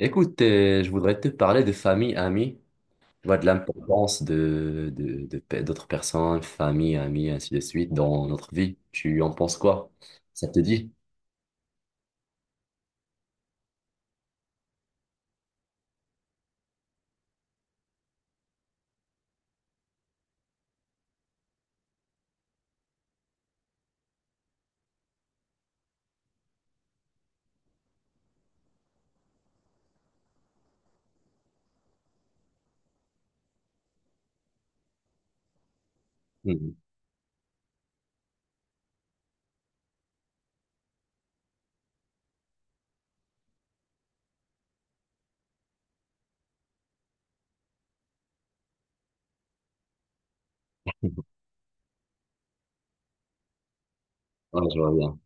Écoute, je voudrais te parler de famille, amis, tu vois, de l'importance d'autres personnes, famille, amis, ainsi de suite, dans notre vie. Tu en penses quoi? Ça te dit? Mhm. Ouais, je vois bien.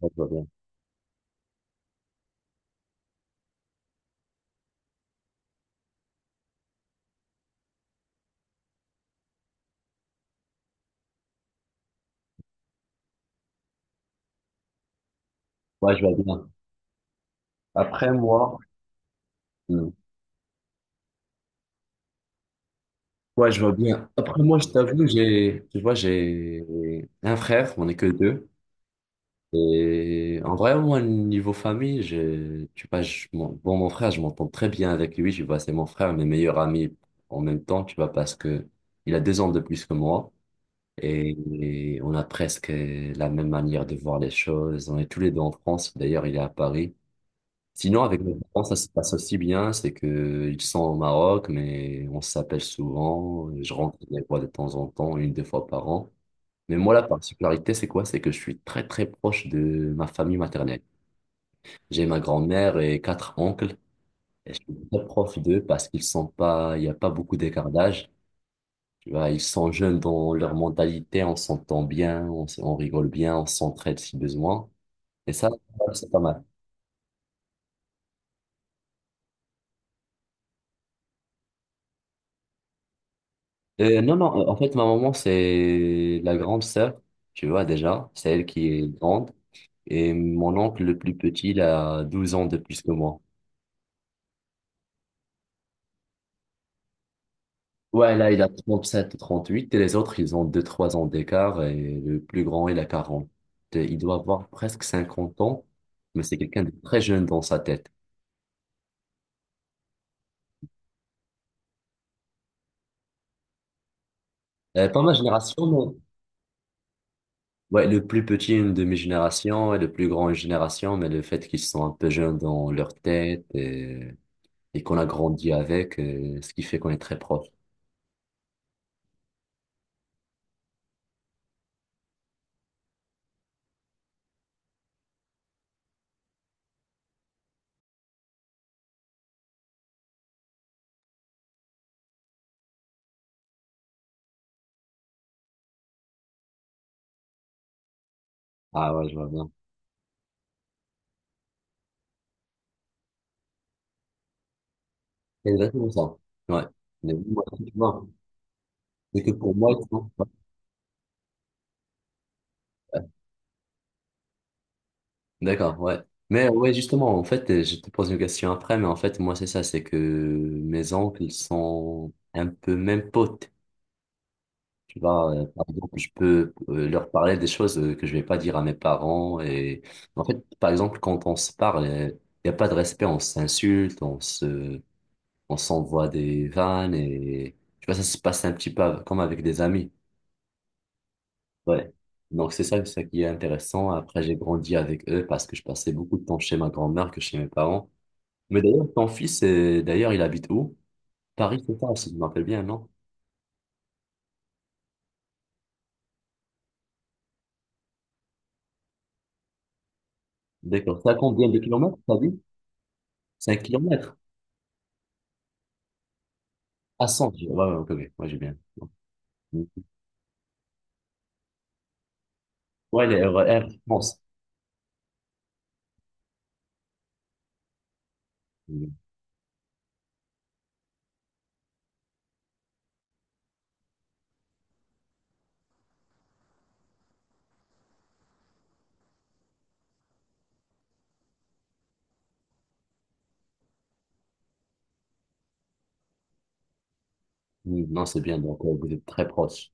Ouais, je vois bien. Ouais, je vois bien. Après moi, Hmm. Ouais, je vois bien. Après moi, je t'avoue, j'ai, tu vois, j'ai un frère, on est que 2. Et en vrai, moi, niveau famille, j'ai, tu vois, mon frère, je m'entends très bien avec lui. Tu vois, c'est mon frère, mes meilleurs amis en même temps, tu vois, parce que il a 2 ans de plus que moi et, et on a presque la même manière de voir les choses. On est tous les deux en France. D'ailleurs, il est à Paris. Sinon, avec mes parents, ça se passe aussi bien. C'est que ils sont au Maroc, mais on s'appelle souvent. Je rentre les vois de temps en temps, 1, 2 fois par an. Mais moi, la particularité, c'est quoi? C'est que je suis très, très proche de ma famille maternelle. J'ai ma grand-mère et 4 oncles. Et je suis très proche d'eux parce qu'ils sont pas, il n'y a pas beaucoup d'écart d'âge. Tu vois, ils sont jeunes dans leur mentalité, on s'entend bien, on rigole bien, on s'entraide si besoin. Et ça, c'est pas mal. Non, non, en fait, ma maman, c'est la grande sœur, tu vois, déjà. C'est elle qui est grande. Et mon oncle, le plus petit, il a 12 ans de plus que moi. Ouais, là, il a 37 38 et les autres, ils ont 2 3 ans d'écart et le plus grand, il a 40. Et il doit avoir presque 50 ans, mais c'est quelqu'un de très jeune dans sa tête. Pas ma génération, non. Ouais, le plus petit, une demi-génération et le plus grand, une génération, mais le fait qu'ils sont un peu jeunes dans leur tête et qu'on a grandi avec, ce qui fait qu'on est très proche. Ah ouais, je vois bien. C'est exactement ça. Ouais. Mais moi, tu vois, c'est que pour moi, tu vois, d'accord, ouais. Mais ouais, justement, en fait, je te pose une question après, mais en fait, moi, c'est ça, c'est que mes oncles sont un peu même potes. Tu vois, par exemple, je peux leur parler des choses que je vais pas dire à mes parents. Et en fait, par exemple, quand on se parle, il n'y a pas de respect, on s'envoie des vannes et tu vois, ça se passe un petit peu comme avec des amis. Ouais. Donc, c'est ça qui est intéressant. Après, j'ai grandi avec eux parce que je passais beaucoup de temps chez ma grand-mère que chez mes parents. Mais d'ailleurs, ton fils, d'ailleurs, il habite où? Paris, c'est ça, si je me rappelle bien, non? D'accord. Ça combien de kilomètres, t'as dit? 5 km. À 100. Ouais, ouais, ok, ok. Moi, j'ai bien. Ouais, les RER, je pense. Mm. Mm. Non, c'est bien, donc vous êtes très proches.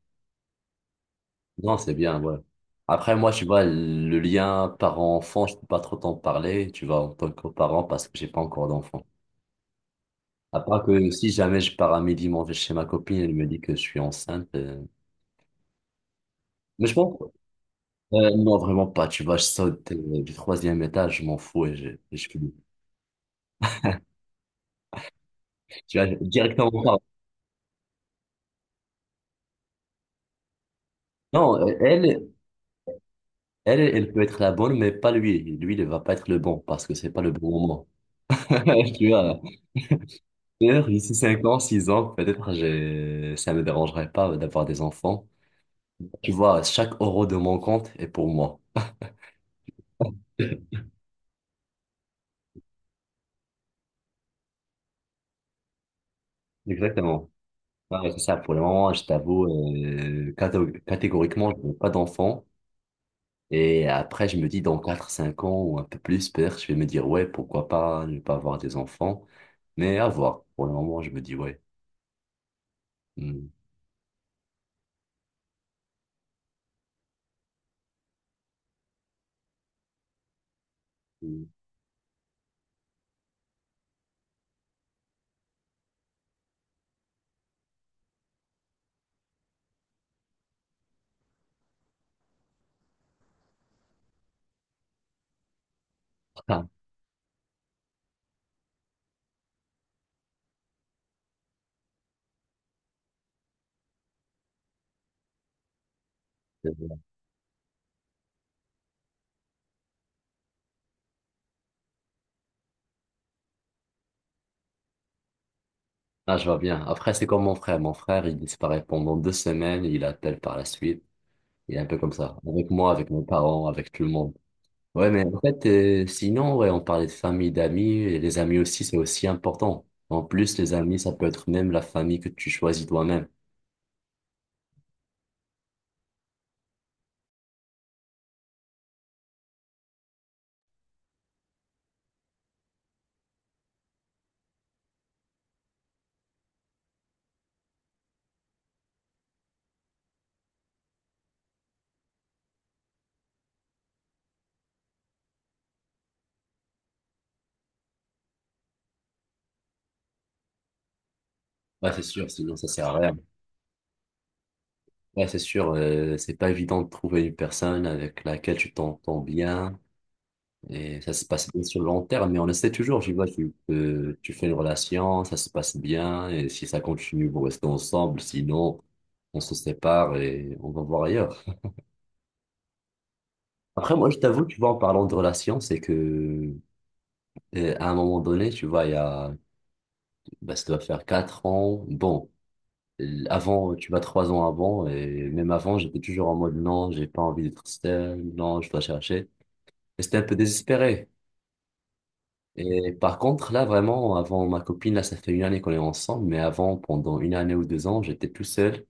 Non, c'est bien, ouais. Après, moi, tu vois, le lien parent-enfant, je peux pas trop t'en parler, tu vois, en tant que parent, parce que j'ai pas encore d'enfant. À part que si jamais je pars à midi manger chez ma copine, elle me dit que je suis enceinte. Mais je pense, non, vraiment pas. Tu vois, je saute du 3e étage, je m'en fous et je finis. Tu vois, directement pas. Non, elle peut être la bonne, mais pas lui. Lui, ne va pas être le bon parce que c'est pas le bon moment. Tu vois, d'ailleurs, d'ici 5 ans, 6 ans, peut-être, j'ai... ça me dérangerait pas d'avoir des enfants. Tu vois, chaque euro de mon compte est pour moi. Exactement. Ouais, c'est ça. Pour le moment, je t'avoue, catégoriquement, je n'ai pas d'enfant. Et après, je me dis, dans 4 5 ans ou un peu plus, peut-être, je vais me dire, ouais, pourquoi pas ne pas avoir des enfants. Mais à voir. Pour le moment, je me dis, ouais. Hmm. Mm. Ah, c'est bien. Ah, je vois bien. Après, c'est comme mon frère. Mon frère, il disparaît pendant 2 semaines, il appelle par la suite. Il est un peu comme ça. Avec moi, avec mes parents, avec tout le monde. Ouais, mais en fait, sinon, ouais, on parlait de famille, d'amis, et les amis aussi, c'est aussi important. En plus, les amis, ça peut être même la famille que tu choisis toi-même. Ouais, c'est sûr, sinon ça sert à rien. Ouais, c'est sûr, c'est pas évident de trouver une personne avec laquelle tu t'entends bien et ça se passe bien sur le long terme, mais on essaie toujours, tu vois, tu fais une relation, ça se passe bien et si ça continue, vous restez ensemble, sinon on se sépare et on va voir ailleurs. Après, moi, je t'avoue, tu vois, en parlant de relation, c'est que à un moment donné, tu vois, il y a, bah, ça doit faire 4 ans, bon. Avant, tu vas 3 ans avant, et même avant, j'étais toujours en mode non, j'ai pas envie d'être seul, non, je dois chercher. Et c'était un peu désespéré. Et par contre, là, vraiment, avant ma copine, là, ça fait une année qu'on est ensemble, mais avant, pendant une année ou 2 ans, j'étais tout seul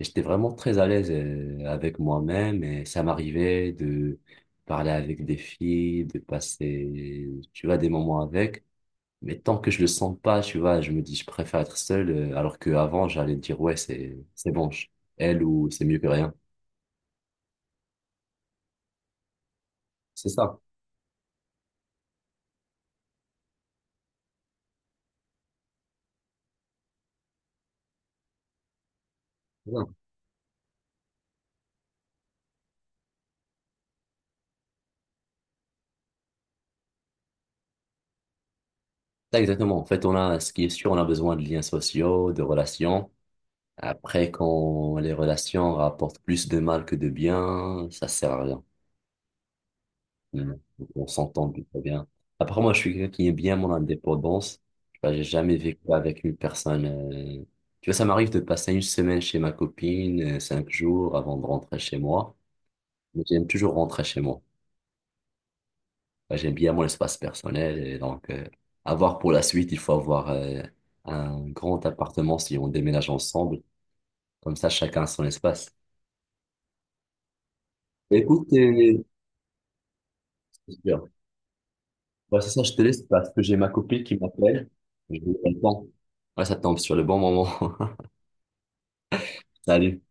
et j'étais vraiment très à l'aise avec moi-même et ça m'arrivait de parler avec des filles, de passer, tu vois, des moments avec. Mais tant que je le sens pas, tu vois, je me dis, je préfère être seul, alors qu'avant, j'allais dire, ouais, c'est bon, elle ou c'est mieux que rien. C'est ça. C'est ça, exactement. En fait, on a, ce qui est sûr, on a besoin de liens sociaux, de relations. Après, quand les relations rapportent plus de mal que de bien, ça sert à rien. Mm. On s'entend plutôt bien. Après, moi, je suis quelqu'un qui aime bien mon indépendance. Tu vois, j'ai jamais vécu avec une personne. Tu vois, ça m'arrive de passer une semaine chez ma copine, 5 jours avant de rentrer chez moi. Mais j'aime toujours rentrer chez moi. Moi, j'aime bien mon espace personnel. Et donc, à voir pour la suite, il faut avoir un grand appartement si on déménage ensemble. Comme ça, chacun a son espace. Écoute, bah, c'est ça, je te laisse parce que j'ai ma copine qui m'appelle. Je vais prendre le temps. Ouais, ça tombe sur le bon moment. Salut.